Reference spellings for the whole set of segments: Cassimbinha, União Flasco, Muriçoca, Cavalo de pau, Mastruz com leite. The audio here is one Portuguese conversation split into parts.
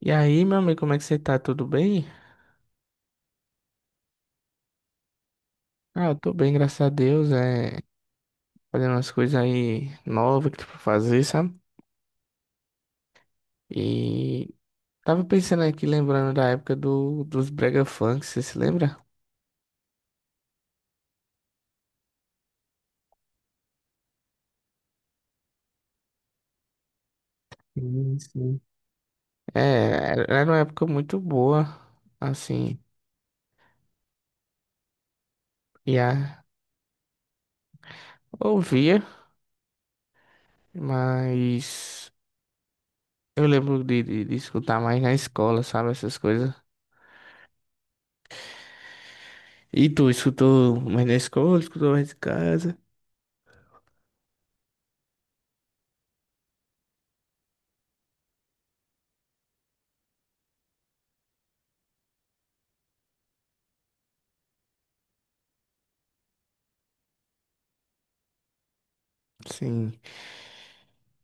E aí, meu amigo, como é que você tá? Tudo bem? Eu tô bem, graças a Deus. Fazendo umas coisas aí novas que tem pra fazer, sabe? E tava pensando aqui, lembrando dos Brega Funk, você se lembra? Sim, sim. É, era uma época muito boa, assim, e a ouvia, mas eu lembro de escutar mais na escola, sabe, essas coisas. E tu escutou mais na escola, escutou mais de casa? Sim,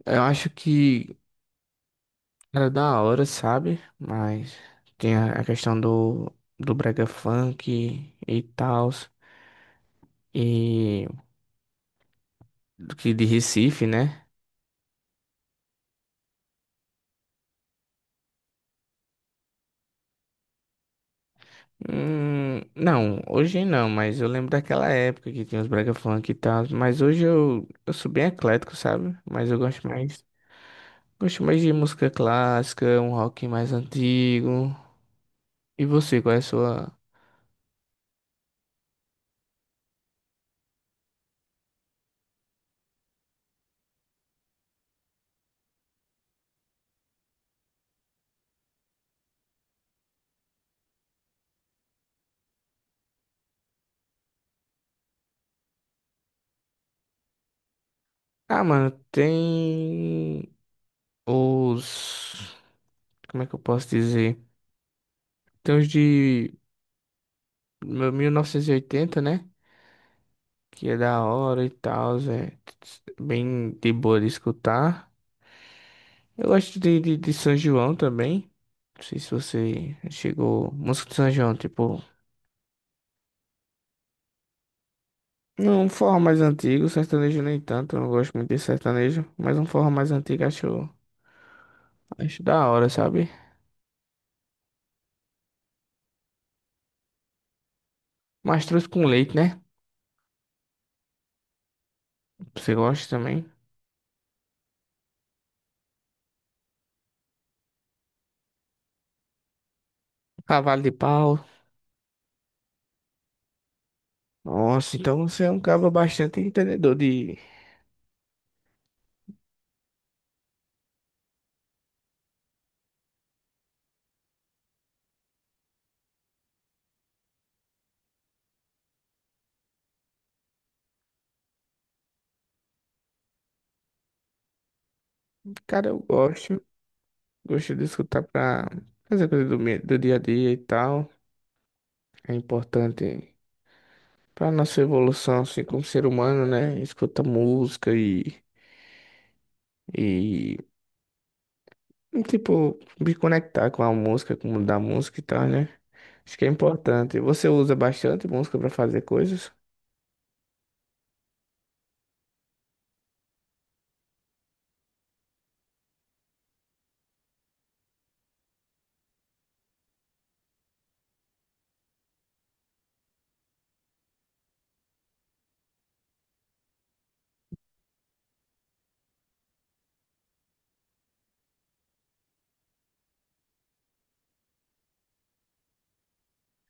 eu acho que era da hora, sabe? Mas tem a questão do, do brega funk e tal, e do que de Recife, né? Não, hoje não, mas eu lembro daquela época que tinha os brega funk e tal, mas hoje eu sou bem eclético, sabe? Mas gosto mais de música clássica, um rock mais antigo. E você, qual é a sua? Ah, mano, os, como é que eu posso dizer? Tem os de Meu 1980, né? Que é da hora e tal, é bem de boa de escutar. Eu gosto de São João também. Não sei se você chegou. Música de São João, tipo. Não, um forró mais antigo, sertanejo nem tanto, eu não gosto muito de sertanejo, mas um forró mais antigo acho, acho da hora, sabe? Mastruz com leite, né? Você gosta também? Cavalo de pau. Nossa, então você é um cara bastante entendedor de. Cara, eu gosto. Gosto de escutar pra fazer coisa do dia a dia e tal. É importante pra nossa evolução, assim, como ser humano, né? Escuta música e, tipo, me conectar com a música, com o mundo da música e tal, né? Acho que é importante. Você usa bastante música pra fazer coisas?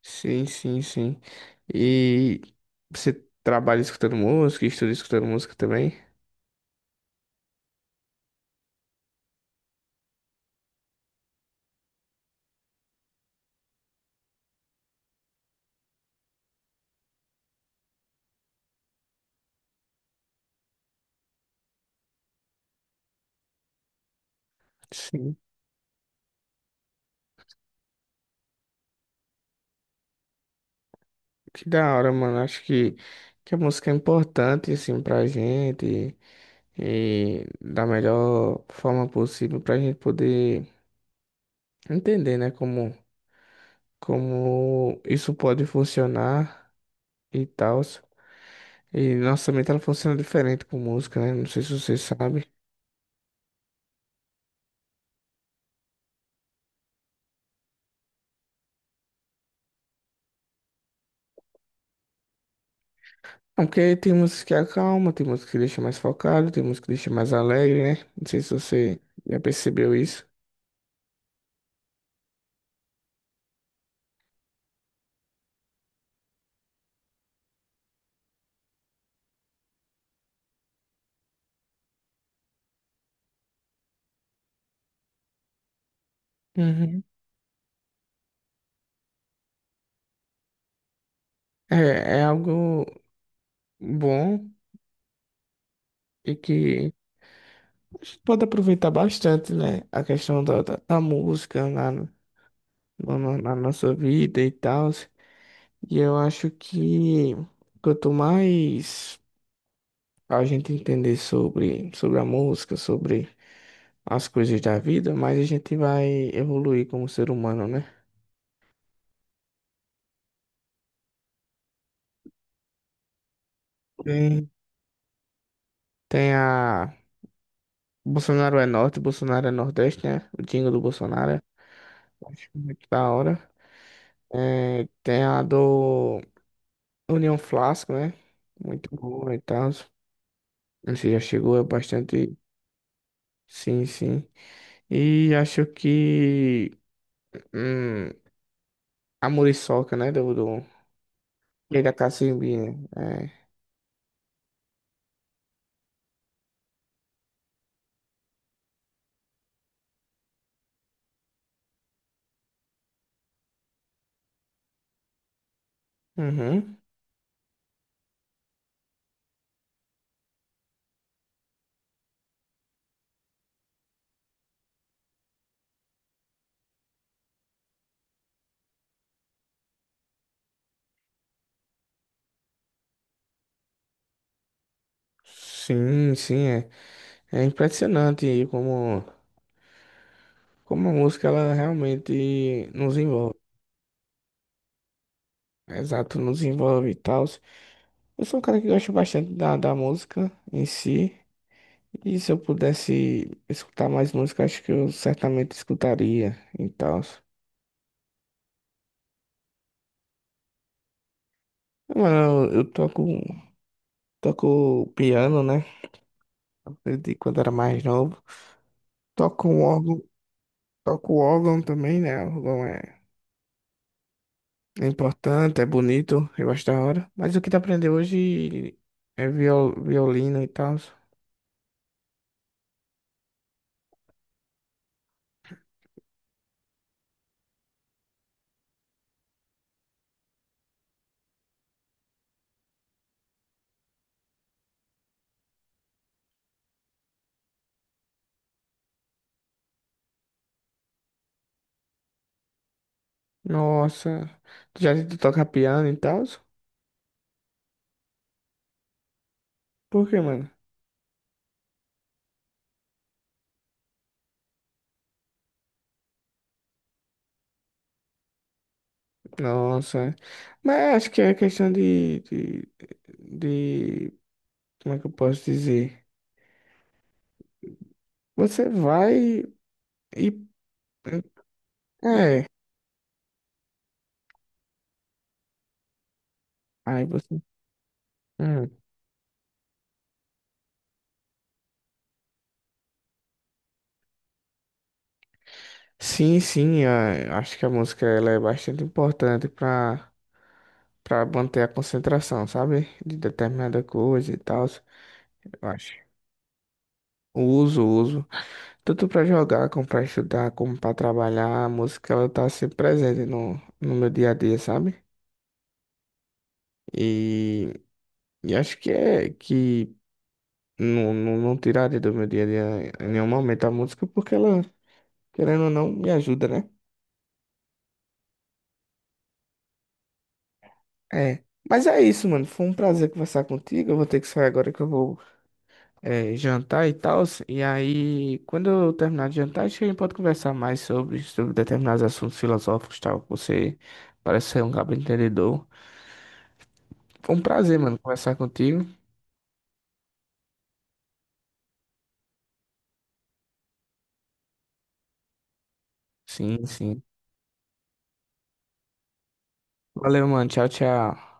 Sim, sim, sim. E você trabalha escutando música, estuda escutando música também? Sim. Que da hora, mano. Que a música é importante, assim, pra gente. E da melhor forma possível para a gente poder entender, né, como isso pode funcionar e tal. E nossa mente ela funciona diferente com música, né? Não sei se você sabe. Não, porque tem músicas que acalma, tem músicas que deixa mais focado, tem músicas que deixa mais alegre, né? Não sei se você já percebeu isso. Uhum. É, é algo bom e que a gente pode aproveitar bastante, né? A questão da música lá. Na nossa vida e tal. E eu acho que quanto mais a gente entender sobre a música, sobre as coisas da vida, mais a gente vai evoluir como ser humano, né? Tem, tem a. Bolsonaro é norte, Bolsonaro é nordeste, né? O jingle do Bolsonaro. Acho muito da hora. É, tem a do União Flasco, né? Muito boa e tal. Você já chegou, é bastante. Sim, sim. E acho que. Hum, a Muriçoca, né? E da Cassimbinha. É. Uhum. Sim, sim, é. É impressionante como, como a música ela realmente nos envolve. Exato, nos envolve e tal. Eu sou um cara que gosta bastante da música em si. E se eu pudesse escutar mais música, acho que eu certamente escutaria e tal. Mano, toco piano, né? Aprendi quando era mais novo. Toco o órgão, toco o órgão também, né? O órgão é importante, é bonito, eu gosto da hora. Mas o que tu aprendeu hoje é violino e tal. Nossa, tu toca piano e tal? Por quê, mano? Nossa, mas acho que é questão de como é que eu posso dizer? Você vai e, é, aí você, hum. Sim, sim, acho que a música ela é bastante importante para manter a concentração, sabe? De determinada coisa e tal, eu acho. Uso, uso. Tanto para jogar, como para estudar, como para trabalhar, a música ela tá sempre presente no meu dia a dia, sabe? E, e acho que não tiraria do meu dia a dia em nenhum momento a música, porque ela, querendo ou não, me ajuda, né? É. Mas é isso, mano. Foi um prazer conversar contigo. Eu vou ter que sair agora que eu vou jantar e tal. E aí, quando eu terminar de jantar, acho que a gente pode conversar mais sobre determinados assuntos filosóficos e tal. Você parece ser um cabo entendedor. Foi um prazer, mano, conversar contigo. Sim, sim. Valeu, mano. Tchau, tchau.